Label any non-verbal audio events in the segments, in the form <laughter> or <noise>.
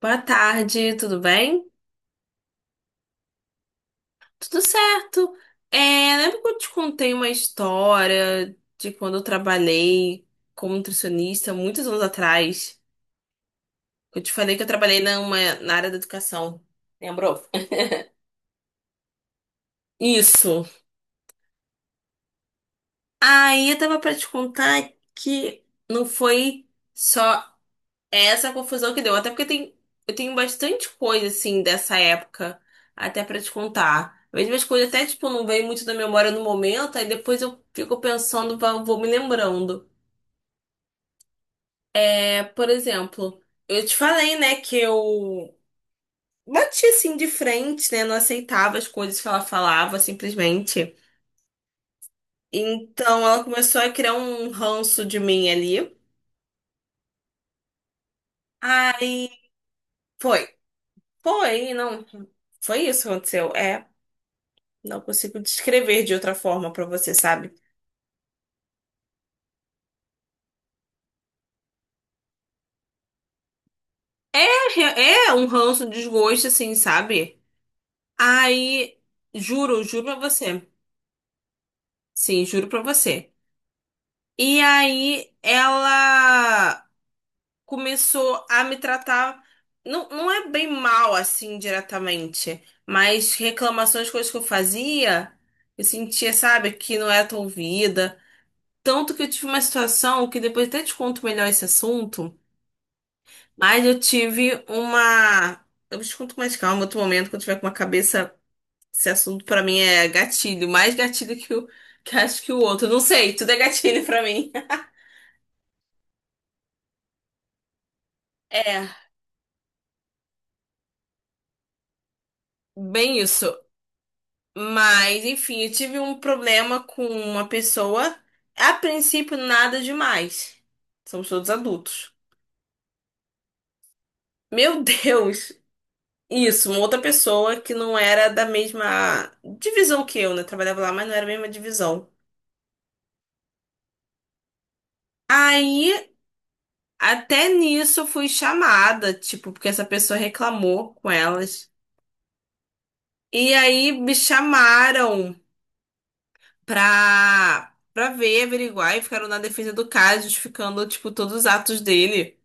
Boa tarde, tudo bem? Tudo certo. É, lembra que eu te contei uma história de quando eu trabalhei como nutricionista muitos anos atrás? Eu te falei que eu trabalhei na área da educação. Lembrou? Isso. Aí eu tava pra te contar que não foi só. É essa a confusão que deu. Até porque eu tenho bastante coisa, assim, dessa época, até pra te contar. Mesmo as coisas até, tipo, não vem muito da memória no momento, aí depois eu fico pensando, vou me lembrando. É, por exemplo, eu te falei, né, que eu bati, assim, de frente, né, não aceitava as coisas que ela falava, simplesmente. Então, ela começou a criar um ranço de mim ali. Aí, foi. Foi, não. Foi isso que aconteceu. É. Não consigo descrever de outra forma pra você, sabe? É, re- é um ranço, um desgosto, assim, sabe? Aí, juro, juro pra você. Sim, juro pra você. E aí, ela começou a me tratar. Não, não é bem mal, assim, diretamente. Mas reclamações, coisas que eu fazia, eu sentia, sabe, que não era tão ouvida. Tanto que eu tive uma situação que depois até te conto melhor esse assunto. Mas eu tive uma. Eu te conto com mais calma, outro momento, quando eu tiver com uma cabeça. Esse assunto pra mim é gatilho, mais gatilho que acho que o outro. Não sei, tudo é gatilho pra mim. <laughs> É, bem isso. Mas, enfim, eu tive um problema com uma pessoa. A princípio, nada demais. Somos todos adultos. Meu <laughs> Deus! Isso, uma outra pessoa que não era da mesma divisão que eu, né? Trabalhava lá, mas não era a mesma divisão. Aí. Até nisso eu fui chamada, tipo, porque essa pessoa reclamou com elas. E aí me chamaram pra ver, averiguar e ficaram na defesa do cara, justificando, tipo, todos os atos dele.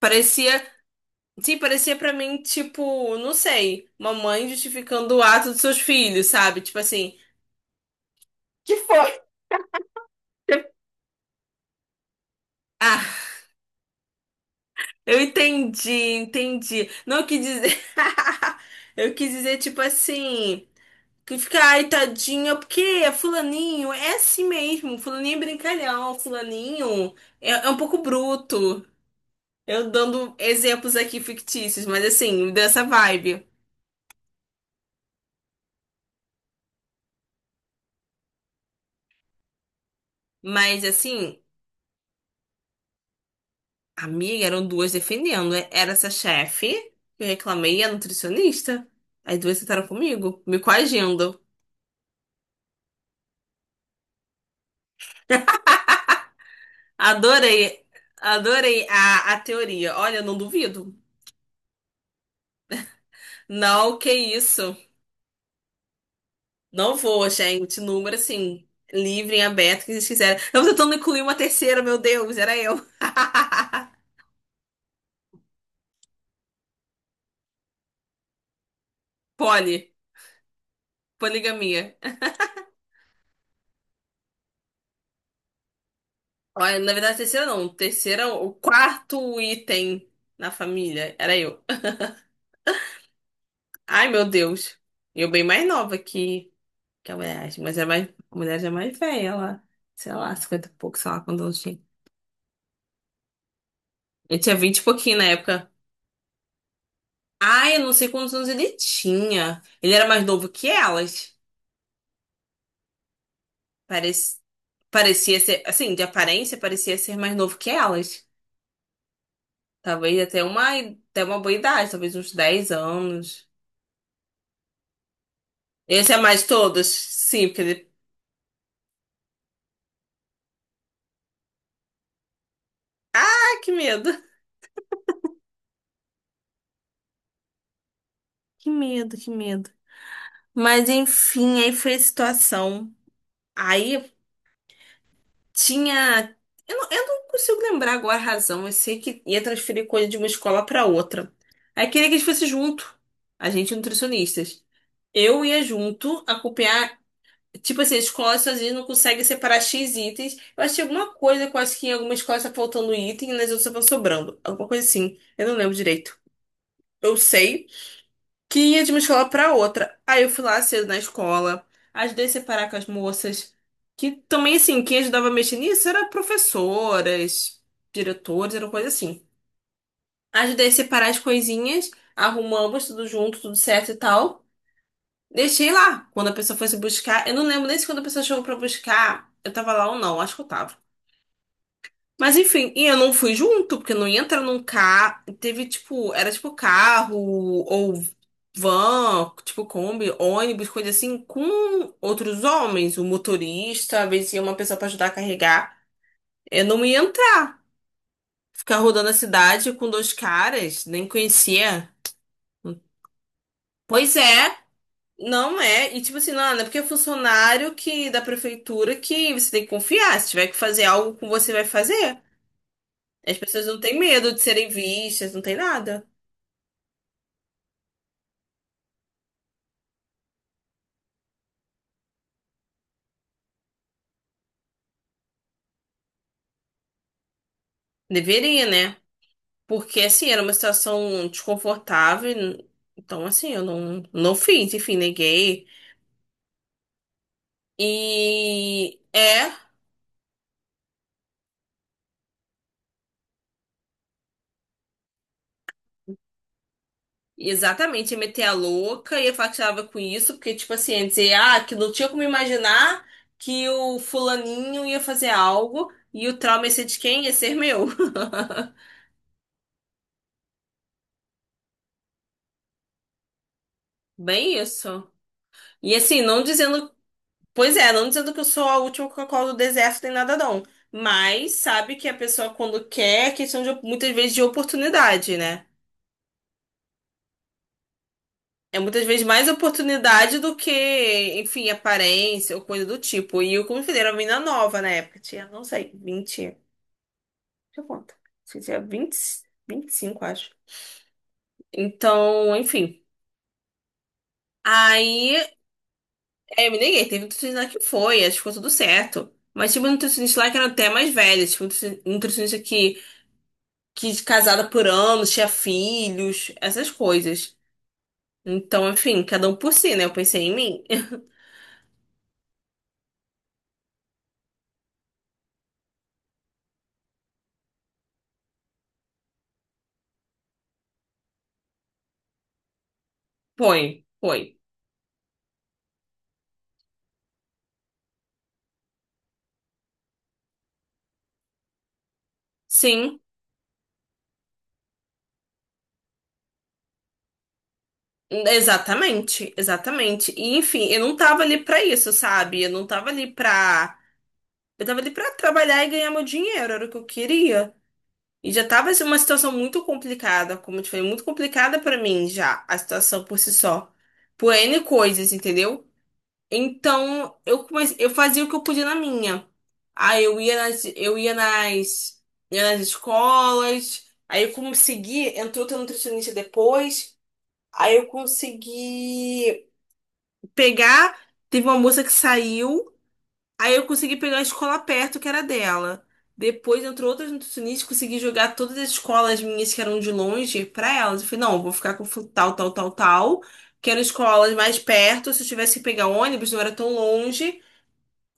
Parecia, sim, parecia pra mim, tipo, não sei, uma mãe justificando o ato dos seus filhos, sabe? Tipo assim. Que foi? Ah, eu entendi, entendi. Não, eu quis dizer. <laughs> Eu quis dizer, tipo assim. Que fica, ai, tadinha, porque é fulaninho é assim mesmo. Fulaninho é brincalhão, fulaninho é um pouco bruto. Eu dando exemplos aqui fictícios, mas assim, dessa vibe. Mas assim, amiga, eram duas defendendo. Era essa chefe, que eu reclamei, e a nutricionista. As duas sentaram comigo, me coagindo. Adorei, adorei a teoria. Olha, eu não duvido. Não, que isso. Não vou, gente. Número assim, livre e aberto, que eles quiserem. Eu tô tentando incluir uma terceira, meu Deus, era eu. Poli, poligamia. Olha, na verdade, terceira não. Terceira, o quarto item na família era eu. Ai, meu Deus. Eu bem mais nova que a mulher, a mulher já é mais velha, ela, sei lá, 50 e pouco, sei lá quando eu tinha. Eu tinha 20 e pouquinho na época. Ai, eu não sei quantos anos ele tinha. Ele era mais novo que elas. Parec- Parecia ser, assim, de aparência, parecia ser mais novo que elas. Talvez até uma boa idade, talvez uns 10 anos. Esse é mais todos? Sim, porque ele... Ah, que medo. Que medo, que medo. Mas enfim, aí foi a situação. Aí tinha. Eu não consigo lembrar agora a razão. Eu sei que ia transferir coisa de uma escola para outra. Aí queria que a gente fosse junto. A gente, nutricionistas. Eu ia junto acompanhar. Tipo assim, as escolas sozinhas não conseguem separar X itens. Eu achei alguma coisa, que eu acho que em alguma escola tá faltando um item e nas outras estão sobrando. Alguma coisa assim. Eu não lembro direito. Eu sei que ia de uma escola pra outra. Aí eu fui lá cedo na escola, ajudei a separar com as moças. Que também, assim, quem ajudava a mexer nisso era professoras, diretores, era uma coisa assim. Ajudei a separar as coisinhas, arrumamos tudo junto, tudo certo e tal. Deixei lá. Quando a pessoa foi se buscar, eu não lembro nem se quando a pessoa chegou pra buscar, eu tava lá ou não, acho que eu tava. Mas enfim, e eu não fui junto, porque não ia entrar num carro. Teve tipo, era tipo carro ou van, tipo Kombi, ônibus, coisa assim, com outros homens, o motorista, às vezes ia uma pessoa pra ajudar a carregar. Eu não ia entrar, ficar rodando a cidade com dois caras, nem conhecia. Pois é. Não é, e tipo assim, não é porque é funcionário que da prefeitura que você tem que confiar. Se tiver que fazer algo com você, vai fazer. As pessoas não têm medo de serem vistas, não tem nada. Deveria, né? Porque assim, era uma situação desconfortável. Então, assim, eu não fiz, enfim, neguei. E é. Exatamente, ia meter a louca, ia falar que estava com isso, porque, tipo assim, ia dizer, ah, que não tinha como imaginar que o fulaninho ia fazer algo e o trauma ia ser de quem? Ia ser meu. <laughs> Bem isso. E assim, não dizendo, pois é, não dizendo que eu sou a última Coca-Cola do deserto nem nada não, mas sabe que a pessoa quando quer é questão de muitas vezes de oportunidade, né? É muitas vezes mais oportunidade do que, enfim, aparência ou coisa do tipo. E eu, como eu falei, era uma menina nova na época. Tinha, não sei, 20. Deixa eu contar. Acho que tinha 20, 25 acho. Então, enfim. Aí, eu me neguei. Teve um nutricionista lá que foi, acho que ficou tudo certo. Mas tinha uma nutricionista lá que era até mais velha. Tipo, nutricionista que é casada por anos, tinha filhos, essas coisas. Então, enfim, cada um por si, né? Eu pensei em mim. <laughs> Foi, foi. Sim. Exatamente, exatamente. E enfim, eu não tava ali pra isso, sabe? Eu não tava ali pra. Eu tava ali pra trabalhar e ganhar meu dinheiro, era o que eu queria. E já tava assim, uma situação muito complicada, como eu te falei, muito complicada pra mim já, a situação por si só. Por N coisas, entendeu? Então, eu fazia o que eu podia na minha. Aí ia nas escolas, entrou outra nutricionista depois, aí eu consegui pegar. Teve uma moça que saiu, aí eu consegui pegar a escola perto que era dela. Depois entrou outras nutricionistas, consegui jogar todas as escolas minhas que eram de longe pra elas. Eu falei, não, eu vou ficar com tal, tal, tal, tal, que eram escolas mais perto, se eu tivesse que pegar ônibus, não era tão longe.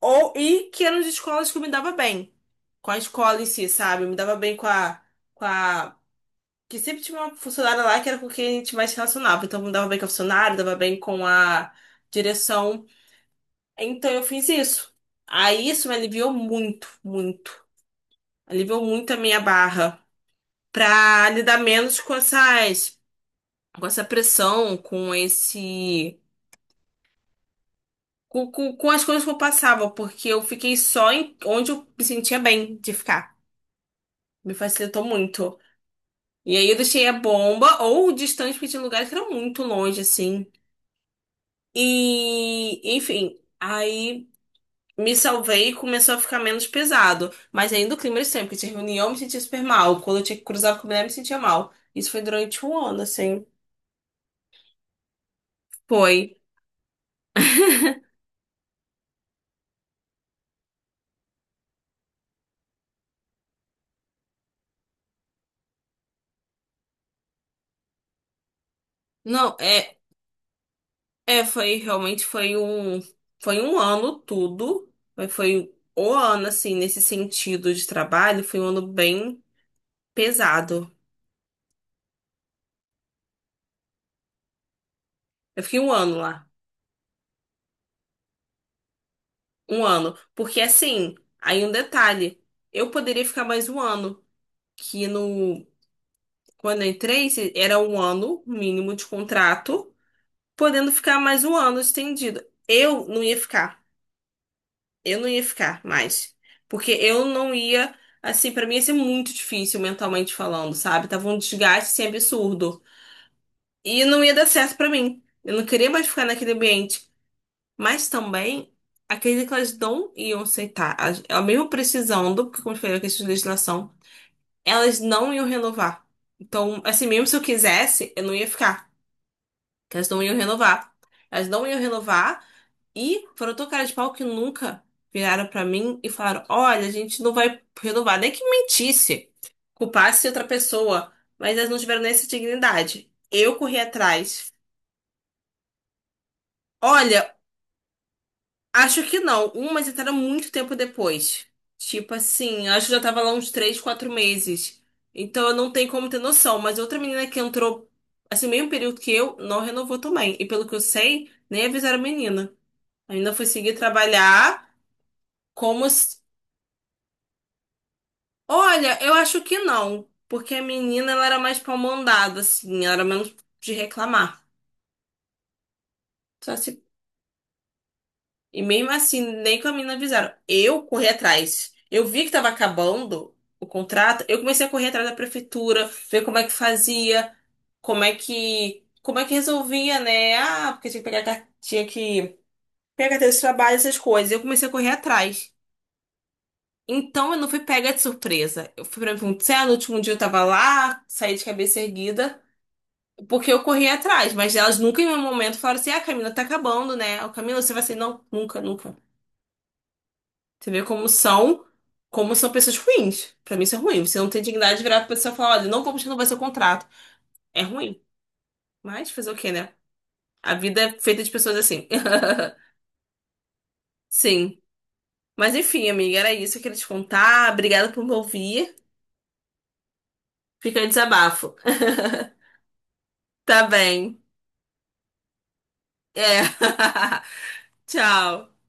Ou e que eram de escolas que eu me dava bem. Com a escola em si, sabe? Eu me dava bem com a. Que sempre tinha uma funcionária lá que era com quem a gente mais se relacionava. Então eu me dava bem com a funcionária, dava bem com a direção, então eu fiz isso. Aí isso me aliviou muito, muito. Aliviou muito a minha barra pra lidar menos com essa pressão, com esse, com as coisas que eu passava, porque eu fiquei só em onde eu me sentia bem de ficar. Me facilitou muito. E aí eu deixei a bomba ou distante, porque tinha lugares que eram muito longe, assim. E, enfim, aí me salvei e começou a ficar menos pesado. Mas ainda o clima era sempre, que tinha reunião, eu me sentia super mal. Quando eu tinha que cruzar com a mulher, eu me sentia mal. Isso foi durante um ano, assim. Foi. Não, foi, realmente foi um ano tudo. Mas foi o ano, assim, nesse sentido de trabalho, foi um ano bem pesado. Eu fiquei um ano lá. Um ano. Porque, assim, aí um detalhe, eu poderia ficar mais um ano. Que no Quando eu entrei, era um ano mínimo de contrato, podendo ficar mais um ano estendido. Eu não ia ficar. Eu não ia ficar mais. Porque eu não ia. Assim, pra mim ia ser muito difícil mentalmente falando, sabe? Tava um desgaste assim, absurdo. E não ia dar certo pra mim. Eu não queria mais ficar naquele ambiente. Mas também, acredito que elas não iam aceitar. Elas mesmo precisando, porque, como eu falei, a questão de legislação, elas não iam renovar. Então, assim, mesmo se eu quisesse, eu não ia ficar. Que elas não iam renovar. Elas não iam renovar e foram tão cara de pau que nunca viraram pra mim e falaram: Olha, a gente não vai renovar. Nem que mentisse, culpasse outra pessoa, mas elas não tiveram nem essa dignidade. Eu corri atrás. Olha, acho que não. Umas entraram muito tempo depois. Tipo assim, acho que já tava lá uns 3, 4 meses. Então eu não tenho como ter noção. Mas outra menina que entrou, assim, meio período que eu, não renovou também. E pelo que eu sei, nem avisaram a menina. Ainda fui seguir trabalhar como. Se- Olha, eu acho que não. Porque a menina, ela era mais pra mandada, assim. Ela era menos de reclamar. Só se... E mesmo assim, nem com a menina avisaram. Eu corri atrás. Eu vi que tava acabando o contrato. Eu comecei a correr atrás da prefeitura, ver como é que fazia, como é que. Como é que resolvia, né? Ah, porque tinha que pegar carteira de trabalho, essas coisas. Eu comecei a correr atrás. Então eu não fui pega de surpresa. Eu fui pra Punta no último dia eu tava lá, saí de cabeça erguida, porque eu corri atrás, mas elas nunca em nenhum momento falaram assim: ah, Camila, tá acabando, né? O Camila, você vai assim, não, nunca, nunca. Você vê como são pessoas ruins. Pra mim isso é ruim. Você não tem dignidade de virar pra pessoa e falar: olha, não vamos renovar seu contrato. É ruim. Mas fazer o quê, né? A vida é feita de pessoas assim. <laughs> Sim. Mas enfim, amiga, era isso que eu queria te contar. Obrigada por me ouvir. Fica o desabafo. <laughs> Tá bem. É. <laughs> Tchau.